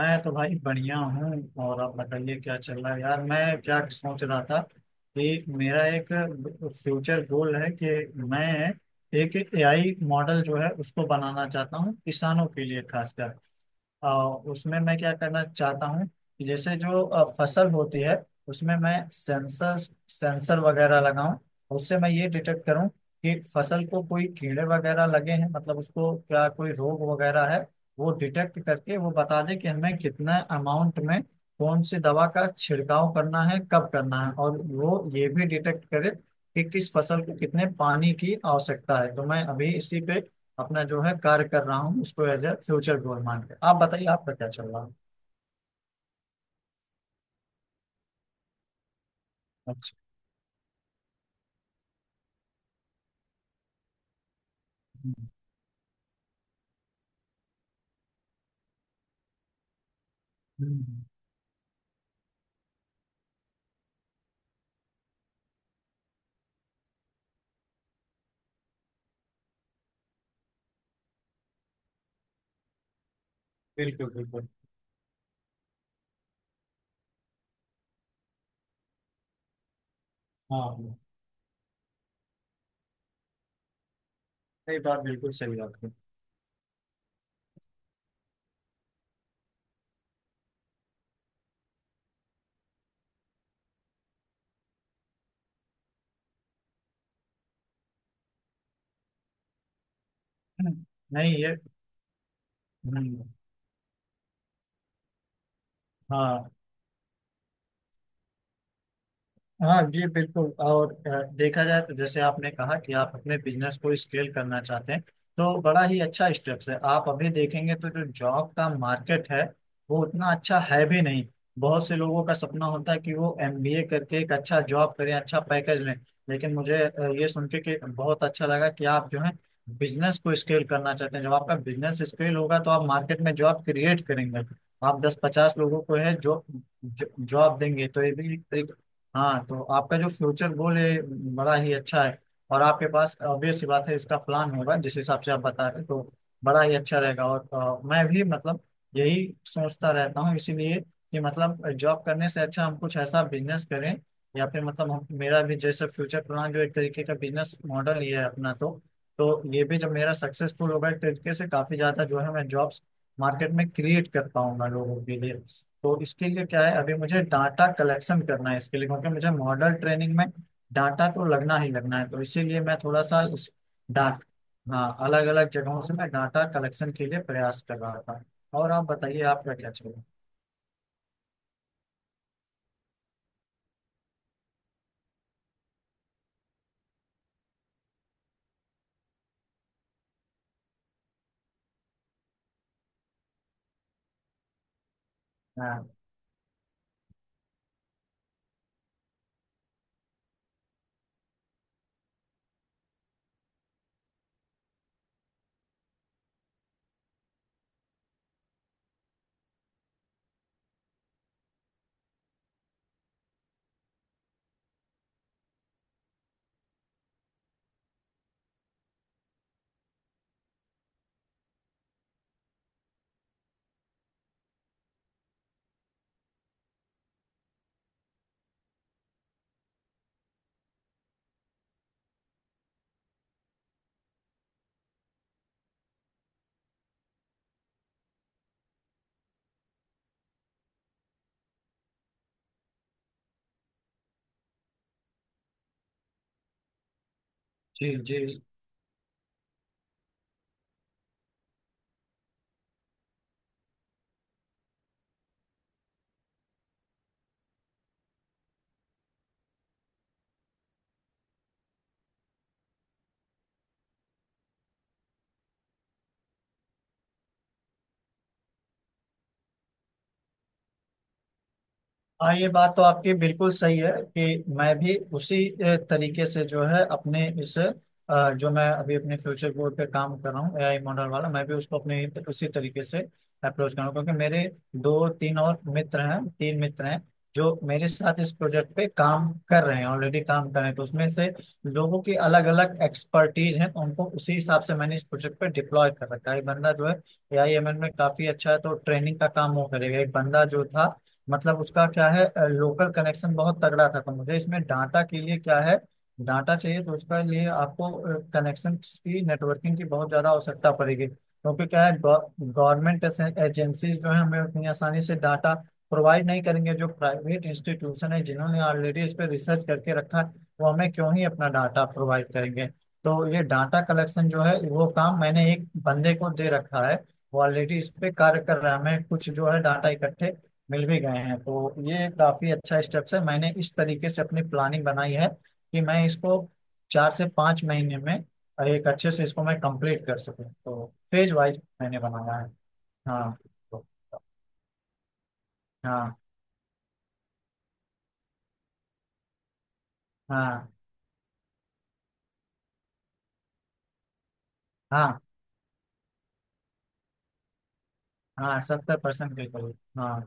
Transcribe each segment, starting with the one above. मैं तो भाई बढ़िया हूँ। और आप बताइए क्या चल रहा है यार। मैं क्या सोच रहा था कि मेरा एक फ्यूचर गोल है कि मैं एक एआई मॉडल जो है उसको बनाना चाहता हूँ किसानों के लिए, खासकर। अ, उसमें मैं क्या करना चाहता हूँ कि जैसे जो फसल होती है, उसमें मैं सेंसर सेंसर वगैरह लगाऊं, उससे मैं ये डिटेक्ट करूं कि फसल को कोई कीड़े वगैरह लगे हैं, मतलब उसको क्या कोई रोग वगैरह है। वो डिटेक्ट करके वो बता दे कि हमें कितना अमाउंट में कौन सी दवा का छिड़काव करना है, कब करना है। और वो ये भी डिटेक्ट करे कि किस फसल को कितने पानी की आवश्यकता है। तो मैं अभी इसी पे अपना जो है कार्य कर रहा हूँ, उसको एज ए फ्यूचर गोल मान के। आप बताइए आपका क्या चल रहा है। अच्छा। हम्म। हम्म। बिल्कुल बिल्कुल। हाँ हाँ। सही बात, बिल्कुल सही बात है। हम्म। नहीं, ये हम्म, हाँ हाँ जी बिल्कुल। और देखा जाए तो जैसे आपने कहा कि आप अपने बिजनेस को स्केल करना चाहते हैं, तो बड़ा ही अच्छा स्टेप्स है। आप अभी देखेंगे तो जो जॉब का मार्केट है वो उतना अच्छा है भी नहीं। बहुत से लोगों का सपना होता है कि वो एमबीए करके एक अच्छा जॉब करें, अच्छा पैकेज लें। लेकिन मुझे ये सुन के कि बहुत अच्छा लगा कि आप जो है बिजनेस को स्केल करना चाहते हैं। जब आपका बिजनेस स्केल होगा तो आप मार्केट में जॉब क्रिएट करेंगे। आप दस पचास लोगों को है जो जॉब देंगे, तो ये भी एक। हाँ, तो आपका जो फ्यूचर गोल है बड़ा ही अच्छा है। और आपके पास ऑब्वियस सी बात है इसका प्लान होगा, जिस हिसाब से आप बता रहे हैं, तो बड़ा ही अच्छा रहेगा। और मैं भी मतलब यही सोचता रहता हूँ, इसीलिए कि मतलब जॉब करने से अच्छा हम कुछ ऐसा बिजनेस करें। या फिर मतलब हम, मेरा भी जैसे फ्यूचर प्लान जो एक तरीके का बिजनेस मॉडल ही है अपना, तो ये भी जब मेरा सक्सेसफुल होगा एक तरीके से, काफी ज्यादा जो है मैं जॉब्स मार्केट में क्रिएट कर पाऊंगा लोगों के लिए। तो इसके लिए क्या है, अभी मुझे डाटा कलेक्शन करना है इसके लिए। क्योंकि मुझे मॉडल ट्रेनिंग में डाटा तो लगना ही लगना है। तो इसीलिए मैं थोड़ा सा इस डाट हाँ, अलग अलग जगहों से मैं डाटा कलेक्शन के लिए प्रयास कर रहा था। और आप बताइए आपका क्या चल रहा है। हाँ। जी जी। हाँ, ये बात तो आपकी बिल्कुल सही है कि मैं भी उसी तरीके से जो है अपने इस जो मैं अभी अपने फ्यूचर बोर्ड पे काम कर रहा हूँ एआई मॉडल वाला, मैं भी उसको अपने उसी तरीके से अप्रोच कर रहा हूँ। क्योंकि मेरे दो तीन और मित्र हैं, तीन मित्र हैं जो मेरे साथ इस प्रोजेक्ट पे काम कर रहे हैं, ऑलरेडी काम कर रहे हैं। तो उसमें से लोगों की अलग अलग एक्सपर्टीज हैं, तो उनको उसी हिसाब से मैंने इस प्रोजेक्ट पे डिप्लॉय कर रखा है। एक बंदा जो है एआई एमएल में काफी अच्छा है, तो ट्रेनिंग का काम वो करेगा। एक बंदा जो था, मतलब उसका क्या है, लोकल कनेक्शन बहुत तगड़ा था। तो मुझे इसमें डाटा के लिए क्या है, डाटा चाहिए, तो उसके लिए आपको कनेक्शन की, नेटवर्किंग की बहुत ज़्यादा आवश्यकता पड़ेगी। क्योंकि क्या है, गवर्नमेंट एजेंसीज जो है हमें उतनी आसानी से डाटा प्रोवाइड नहीं करेंगे। जो प्राइवेट इंस्टीट्यूशन है जिन्होंने ऑलरेडी इस पर रिसर्च करके रखा है, वो हमें क्यों ही अपना डाटा प्रोवाइड करेंगे। तो ये डाटा कलेक्शन जो है वो काम मैंने एक बंदे को दे रखा है, वो ऑलरेडी इस पे कार्य कर रहा है। हमें कुछ जो है डाटा इकट्ठे मिल भी गए हैं। तो ये काफी अच्छा स्टेप्स है। मैंने इस तरीके से अपनी प्लानिंग बनाई है कि मैं इसको 4 से 5 महीने में एक अच्छे से इसको मैं कंप्लीट कर सकूं। तो फेज वाइज मैंने बनाया है। हाँ तो। हाँ हाँ। हाँ हाँ 70% के करीब, हाँ।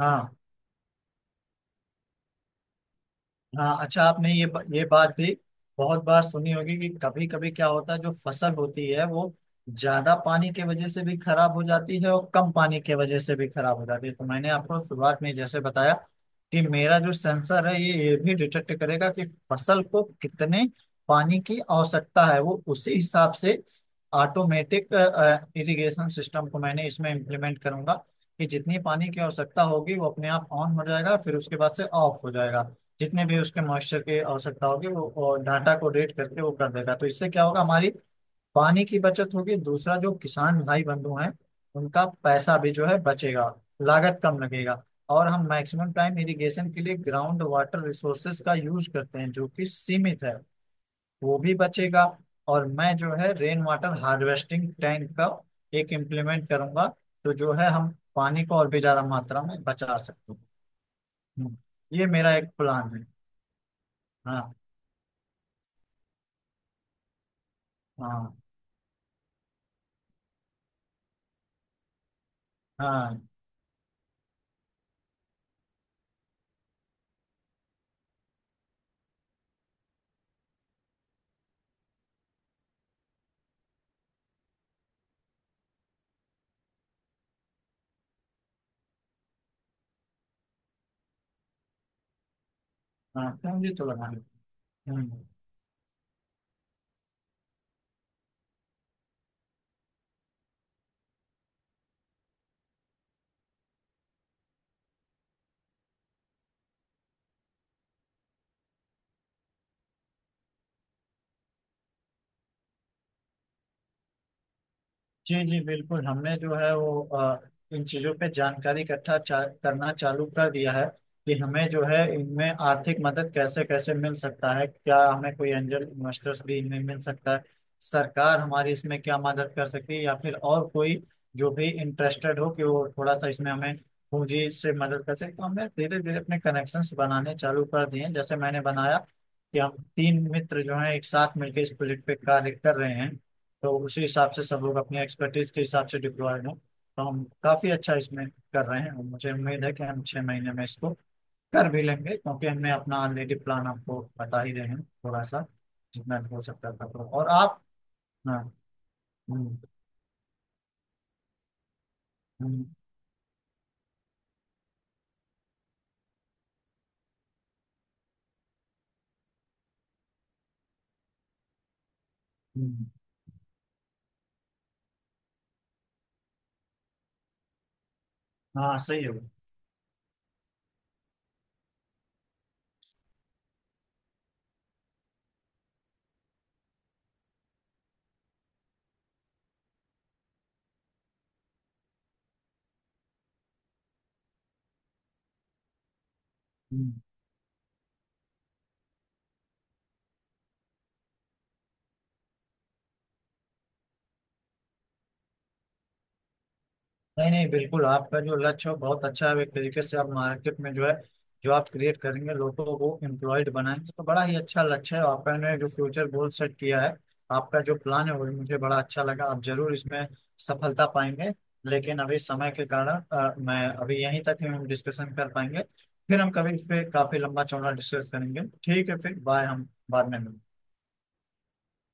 हाँ हाँ। अच्छा, आपने ये बात भी बहुत बार सुनी होगी कि कभी कभी क्या होता है, जो फसल होती है वो ज्यादा पानी के वजह से भी खराब हो जाती है और कम पानी के वजह से भी खराब हो जाती है। तो मैंने आपको शुरुआत में जैसे बताया कि मेरा जो सेंसर है ये भी डिटेक्ट करेगा कि फसल को कितने पानी की आवश्यकता है। वो उसी हिसाब से ऑटोमेटिक इरिगेशन सिस्टम को मैंने इसमें इम्प्लीमेंट करूंगा कि जितनी पानी की आवश्यकता होगी वो अपने आप ऑन हो जाएगा, फिर उसके बाद से ऑफ हो जाएगा। जितने भी उसके मॉइस्चर की आवश्यकता होगी वो डाटा को रेट करके वो कर देगा। तो इससे क्या होगा, हमारी पानी की बचत होगी। दूसरा, जो किसान भाई बंधु हैं उनका पैसा भी जो है बचेगा, लागत कम लगेगा। और हम मैक्सिमम टाइम इरिगेशन के लिए ग्राउंड वाटर रिसोर्सेज का यूज करते हैं जो कि सीमित है, वो भी बचेगा। और मैं जो है रेन वाटर हार्वेस्टिंग टैंक का एक इम्प्लीमेंट करूंगा, तो जो है हम पानी को और भी ज्यादा मात्रा में बचा सकते हैं। हम्म। ये मेरा एक प्लान है। हाँ हाँ। हाँ हाँ, मुझे तो लगा है। हम्म। जी जी बिल्कुल, हमने जो है वो इन चीज़ों पे जानकारी इकट्ठा करना चालू कर दिया है कि हमें जो है इनमें आर्थिक मदद कैसे कैसे मिल सकता है, क्या हमें कोई एंजल इन्वेस्टर्स भी इनमें मिल सकता है, सरकार हमारी इसमें क्या मदद कर सकती है, या फिर और कोई जो भी इंटरेस्टेड हो कि वो थोड़ा सा इसमें हमें पूंजी से मदद कर सके। तो हमने धीरे धीरे अपने कनेक्शंस बनाने चालू कर दिए हैं। जैसे मैंने बनाया कि हम तीन मित्र जो हैं एक साथ मिलकर इस प्रोजेक्ट पे कार्य कर रहे हैं। तो उसी हिसाब से सब लोग अपनी एक्सपर्टीज के हिसाब से डिप्लॉयड हो, तो हम काफी अच्छा इसमें कर रहे हैं। और मुझे उम्मीद है कि हम 6 महीने में इसको कर भी लेंगे, क्योंकि हमने अपना ऑलरेडी प्लान आपको बता ही रहे हैं, थोड़ा सा जितना भी हो सकता था तो। और आप। हाँ। हम्म। हम्म। हम्म। हाँ, सही है वो। हम्म। नहीं नहीं, बिल्कुल आपका जो लक्ष्य है बहुत अच्छा है। एक तरीके से आप मार्केट में जो है जो आप क्रिएट करेंगे, लोगों को एम्प्लॉयड बनाएंगे, तो बड़ा ही अच्छा लक्ष्य है। आपने जो फ्यूचर गोल सेट किया है, आपका जो प्लान है, वो भी मुझे बड़ा अच्छा लगा। आप जरूर इसमें सफलता पाएंगे। लेकिन अभी समय के कारण मैं अभी यहीं तक ही हम डिस्कशन कर पाएंगे। फिर हम कभी इस पे काफी लंबा चौड़ा डिस्कस करेंगे, ठीक है। फिर बाय, हम बाद में मिलते हैं।